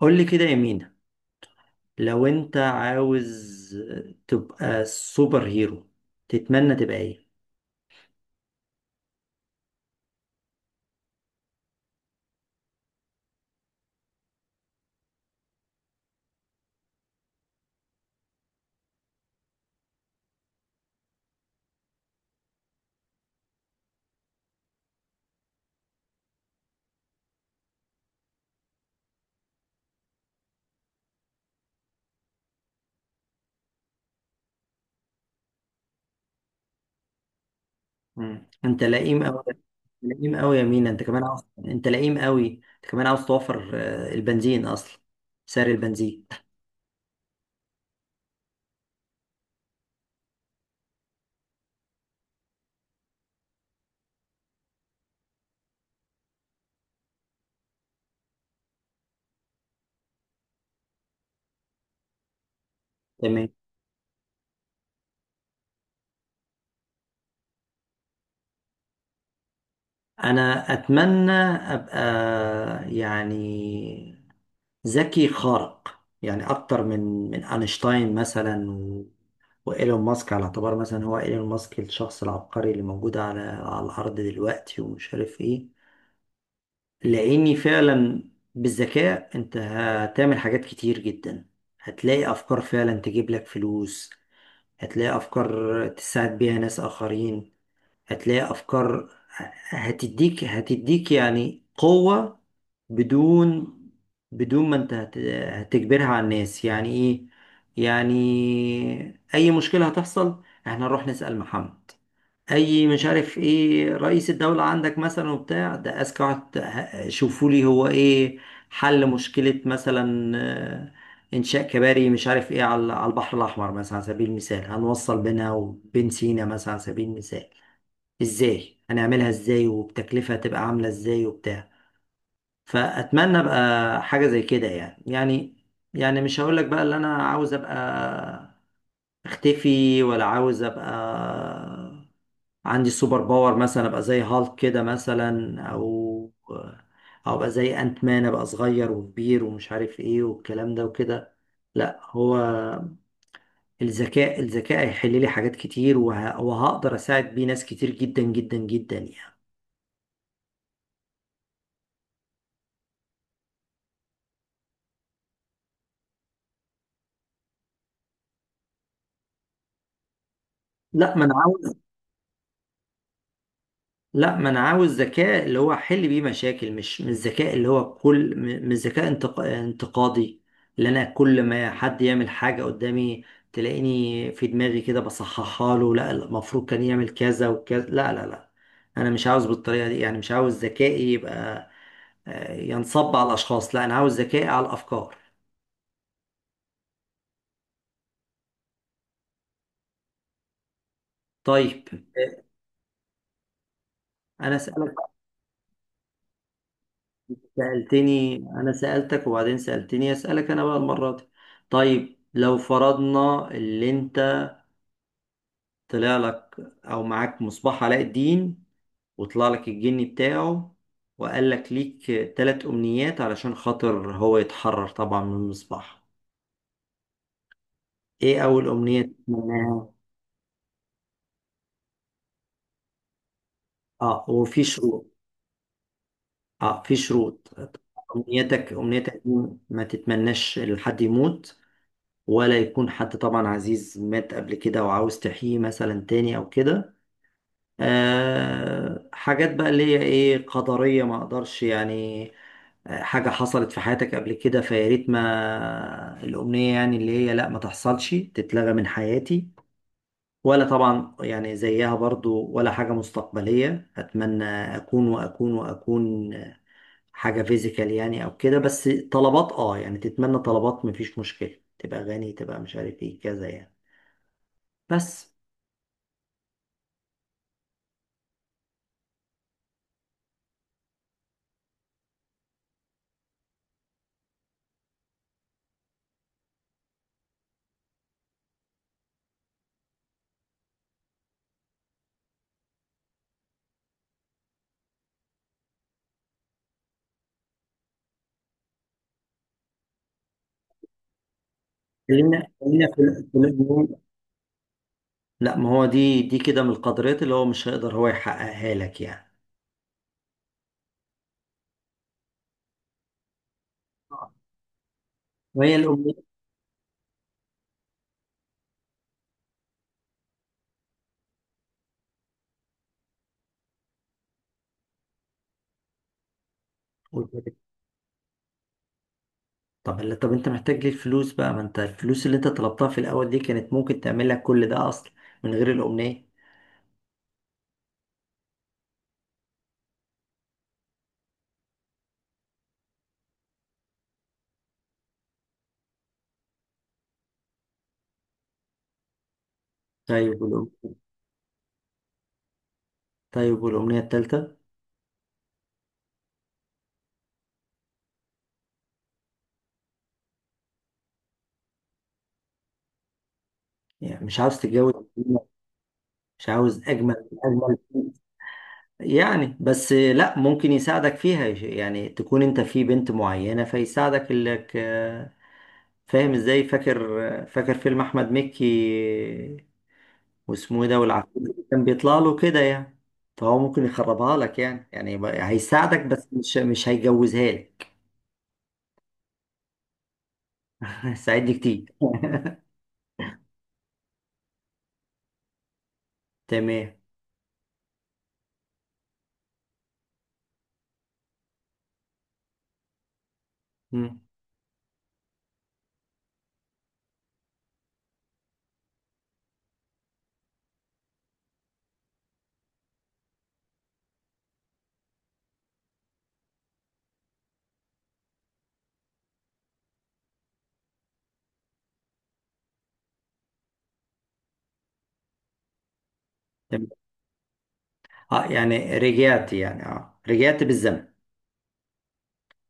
قول لي كده يا مينا، لو انت عاوز تبقى سوبر هيرو تتمنى تبقى ايه؟ مم. انت لئيم قوي. لئيم قوي يا مينا، انت كمان عاوز، انت لئيم قوي، انت كمان عاوز توفر البنزين، اصلا سعر البنزين. تمام. انا اتمنى ابقى يعني ذكي خارق، يعني اكتر من اينشتاين مثلا وايلون ماسك، على اعتبار مثلا هو ايلون ماسك الشخص العبقري اللي موجود على الارض دلوقتي ومش عارف ايه، لاني فعلا بالذكاء انت هتعمل حاجات كتير جدا. هتلاقي افكار فعلا تجيب لك فلوس، هتلاقي افكار تساعد بيها ناس اخرين، هتلاقي افكار هتديك يعني قوة بدون بدون ما انت هتجبرها على الناس. يعني ايه؟ يعني اي مشكلة هتحصل احنا نروح نسأل محمد، اي مش عارف ايه، رئيس الدولة عندك مثلا وبتاع ده اذكى واحد، شوفوا لي هو ايه حل مشكلة مثلا، انشاء كباري مش عارف ايه على البحر الاحمر مثلا، على سبيل المثال هنوصل بينها وبين سينا مثلا، على سبيل المثال ازاي هنعملها، ازاي وبتكلفة هتبقى عاملة ازاي وبتاع. فأتمنى ابقى حاجة زي كده يعني. يعني يعني مش هقولك بقى اللي انا عاوز ابقى اختفي، ولا عاوز ابقى عندي سوبر باور مثلا، ابقى زي هالك كده مثلا، او او ابقى زي انت مان، ابقى صغير وكبير ومش عارف ايه والكلام ده وكده. لا، هو الذكاء، الذكاء هيحل لي حاجات كتير وهقدر اساعد بيه ناس كتير جدا جدا جدا يعني. لا، ما انا عاوز. لا، ما انا عاوز ذكاء اللي هو احل بيه مشاكل، مش الذكاء اللي هو كل مش ذكاء انتقادي، اللي انا كل ما حد يعمل حاجة قدامي تلاقيني في دماغي كده بصححها له، لا لا، المفروض كان يعمل كذا وكذا، لا لا لا، انا مش عاوز بالطريقة دي يعني. مش عاوز ذكائي يبقى ينصب على الاشخاص، لا انا عاوز ذكائي على الافكار. طيب، آه، انا سألك. سألتني، انا سألتك وبعدين سألتني، اسألك انا بقى المرة دي. طيب لو فرضنا اللي انت طلع لك او معاك مصباح علاء الدين، وطلع لك الجني بتاعه وقال لك ليك ثلاث امنيات علشان خاطر هو يتحرر طبعا من المصباح، ايه اول امنية تتمناها؟ اه، وفي شروط. اه، في شروط. امنيتك، امنيتك دي ما تتمناش لحد يموت، ولا يكون حد طبعا عزيز مات قبل كده وعاوز تحييه مثلا تاني او كده. آه، حاجات بقى اللي هي ايه قدرية ما اقدرش يعني، حاجة حصلت في حياتك قبل كده، فيا ريت ما الأمنية يعني اللي هي لا، ما تحصلش تتلغى من حياتي، ولا طبعا يعني زيها برضو ولا حاجة مستقبلية، أتمنى أكون وأكون وأكون حاجة فيزيكال يعني أو كده. بس طلبات أه، يعني تتمنى طلبات مفيش مشكلة، تبقى غني، تبقى مش عارف إيه كذا يعني. بس خلينا في في الأمنية. لا، ما هو دي كده من القدرات اللي هو مش هيقدر هو يحققها لك يعني. وهي الأمنية؟ طب اللي، طب انت محتاج ليه الفلوس بقى، ما انت الفلوس اللي انت طلبتها في الاول دي كانت ممكن تعمل لك كل ده اصلا، من غير الامنية. طيب طيب والامنية التالتة؟ يعني مش عاوز تتجوز؟ مش عاوز اجمل؟ اجمل يعني، بس لا ممكن يساعدك فيها، يعني تكون انت في بنت معينة فيساعدك انك، فاهم ازاي، فاكر، فاكر فيلم احمد مكي واسمه ايه ده، والعفريت اللي كان بيطلع له كده يعني، فهو ممكن يخربها لك يعني، يعني هيساعدك بس مش هيجوزها لك. ساعدني كتير تمام. مم. تمام. اه، يعني رجعت يعني، اه، رجعت بالزمن،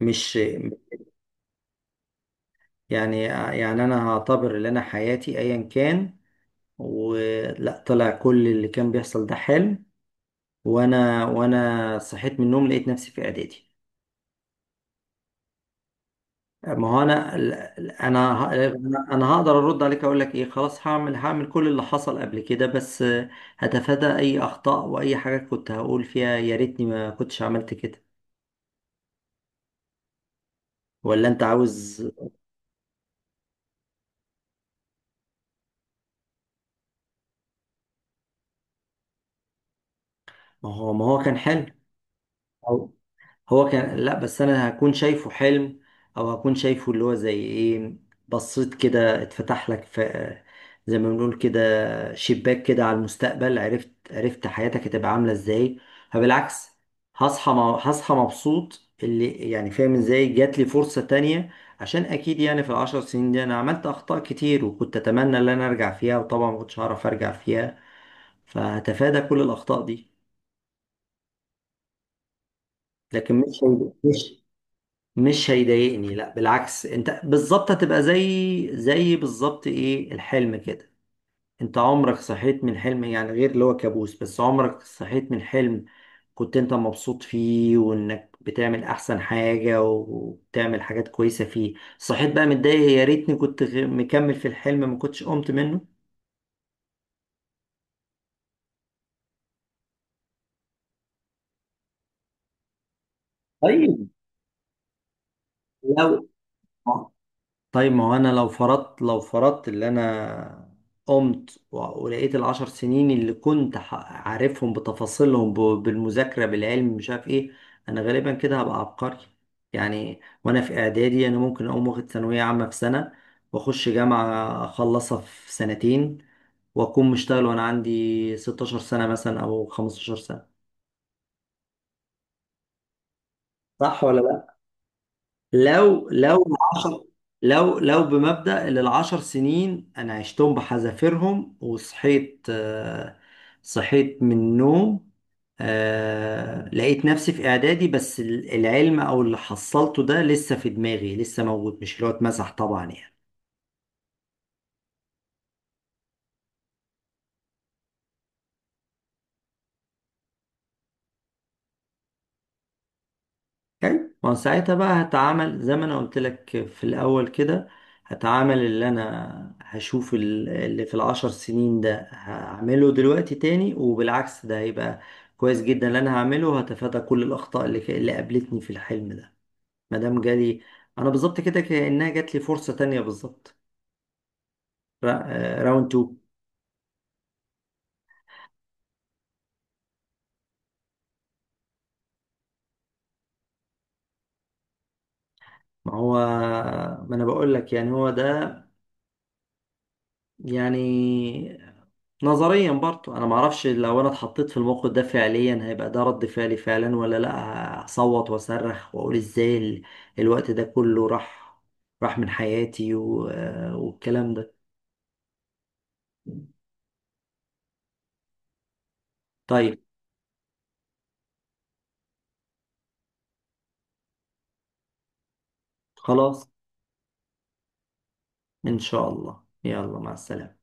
مش يعني يعني انا هعتبر ان انا حياتي ايا كان، ولا طلع كل اللي كان بيحصل ده حلم، وانا صحيت من النوم لقيت نفسي في اعدادي. ما هو انا انا انا أنا هقدر ارد عليك اقول لك ايه، خلاص هعمل كل اللي حصل قبل كده، بس هتفادى اي اخطاء واي حاجه كنت هقول فيها يا ريتني ما كنتش عملت كده. ولا انت عاوز. ما هو كان حلو. هو كان، لا بس انا هكون شايفه حلم، او هكون شايفه اللي هو زي ايه، بصيت كده اتفتح لك في، زي ما بنقول كده، شباك كده على المستقبل، عرفت، عرفت حياتك هتبقى عامله ازاي. فبالعكس هصحى، هصحى مبسوط اللي يعني فاهم ازاي، جات لي فرصه تانية. عشان اكيد يعني في العشر سنين دي انا عملت اخطاء كتير وكنت اتمنى ان انا ارجع فيها، وطبعا ما كنتش هعرف ارجع فيها، فهتفادى كل الاخطاء دي. لكن مش مش هيضايقني، لا بالعكس، انت بالظبط هتبقى زي، بالظبط ايه، الحلم كده. انت عمرك صحيت من حلم يعني غير اللي هو كابوس؟ بس عمرك صحيت من حلم كنت انت مبسوط فيه وانك بتعمل احسن حاجة وبتعمل حاجات كويسة فيه، صحيت بقى متضايق يا ريتني كنت مكمل في الحلم، ما كنتش قمت منه. طيب لو، طيب ما هو انا لو فرضت، لو فرضت اللي انا قمت ولقيت العشر سنين اللي كنت عارفهم بتفاصيلهم، بالمذاكرة بالعلم مش عارف ايه، انا غالبا كده هبقى عبقري يعني. وانا في اعدادي انا ممكن اقوم واخد ثانوية عامة في سنة، واخش جامعة اخلصها في سنتين، واكون مشتغل وانا عندي 16 سنة مثلا او 15 سنة. صح ولا؟ لو العشر، لو بمبدأ اللي العشر سنين أنا عشتهم بحذافيرهم وصحيت، صحيت من النوم، لقيت نفسي في إعدادي، بس العلم أو اللي حصلته ده لسه في دماغي لسه موجود، مش اللي هو اتمسح طبعا يعني. حلو. ما هو ساعتها بقى هتعامل زي ما انا قلت لك في الاول كده، هتعامل اللي انا هشوف اللي في العشر سنين ده هعمله دلوقتي تاني، وبالعكس ده هيبقى كويس جدا اللي انا هعمله، هتفادى كل الاخطاء اللي اللي قابلتني في الحلم ده. ما دام جالي، انا بالظبط كده كانها جات لي فرصه تانية بالظبط، راوند 2. ما هو، ما انا بقول لك يعني هو ده يعني. نظريا برضو انا معرفش لو انا اتحطيت في الموقف ده فعليا هيبقى ده رد فعلي فعلا، ولا لا هصوت واصرخ واقول ازاي الوقت ده كله راح من حياتي والكلام ده. طيب، خلاص. ان شاء الله، يلا مع السلامة.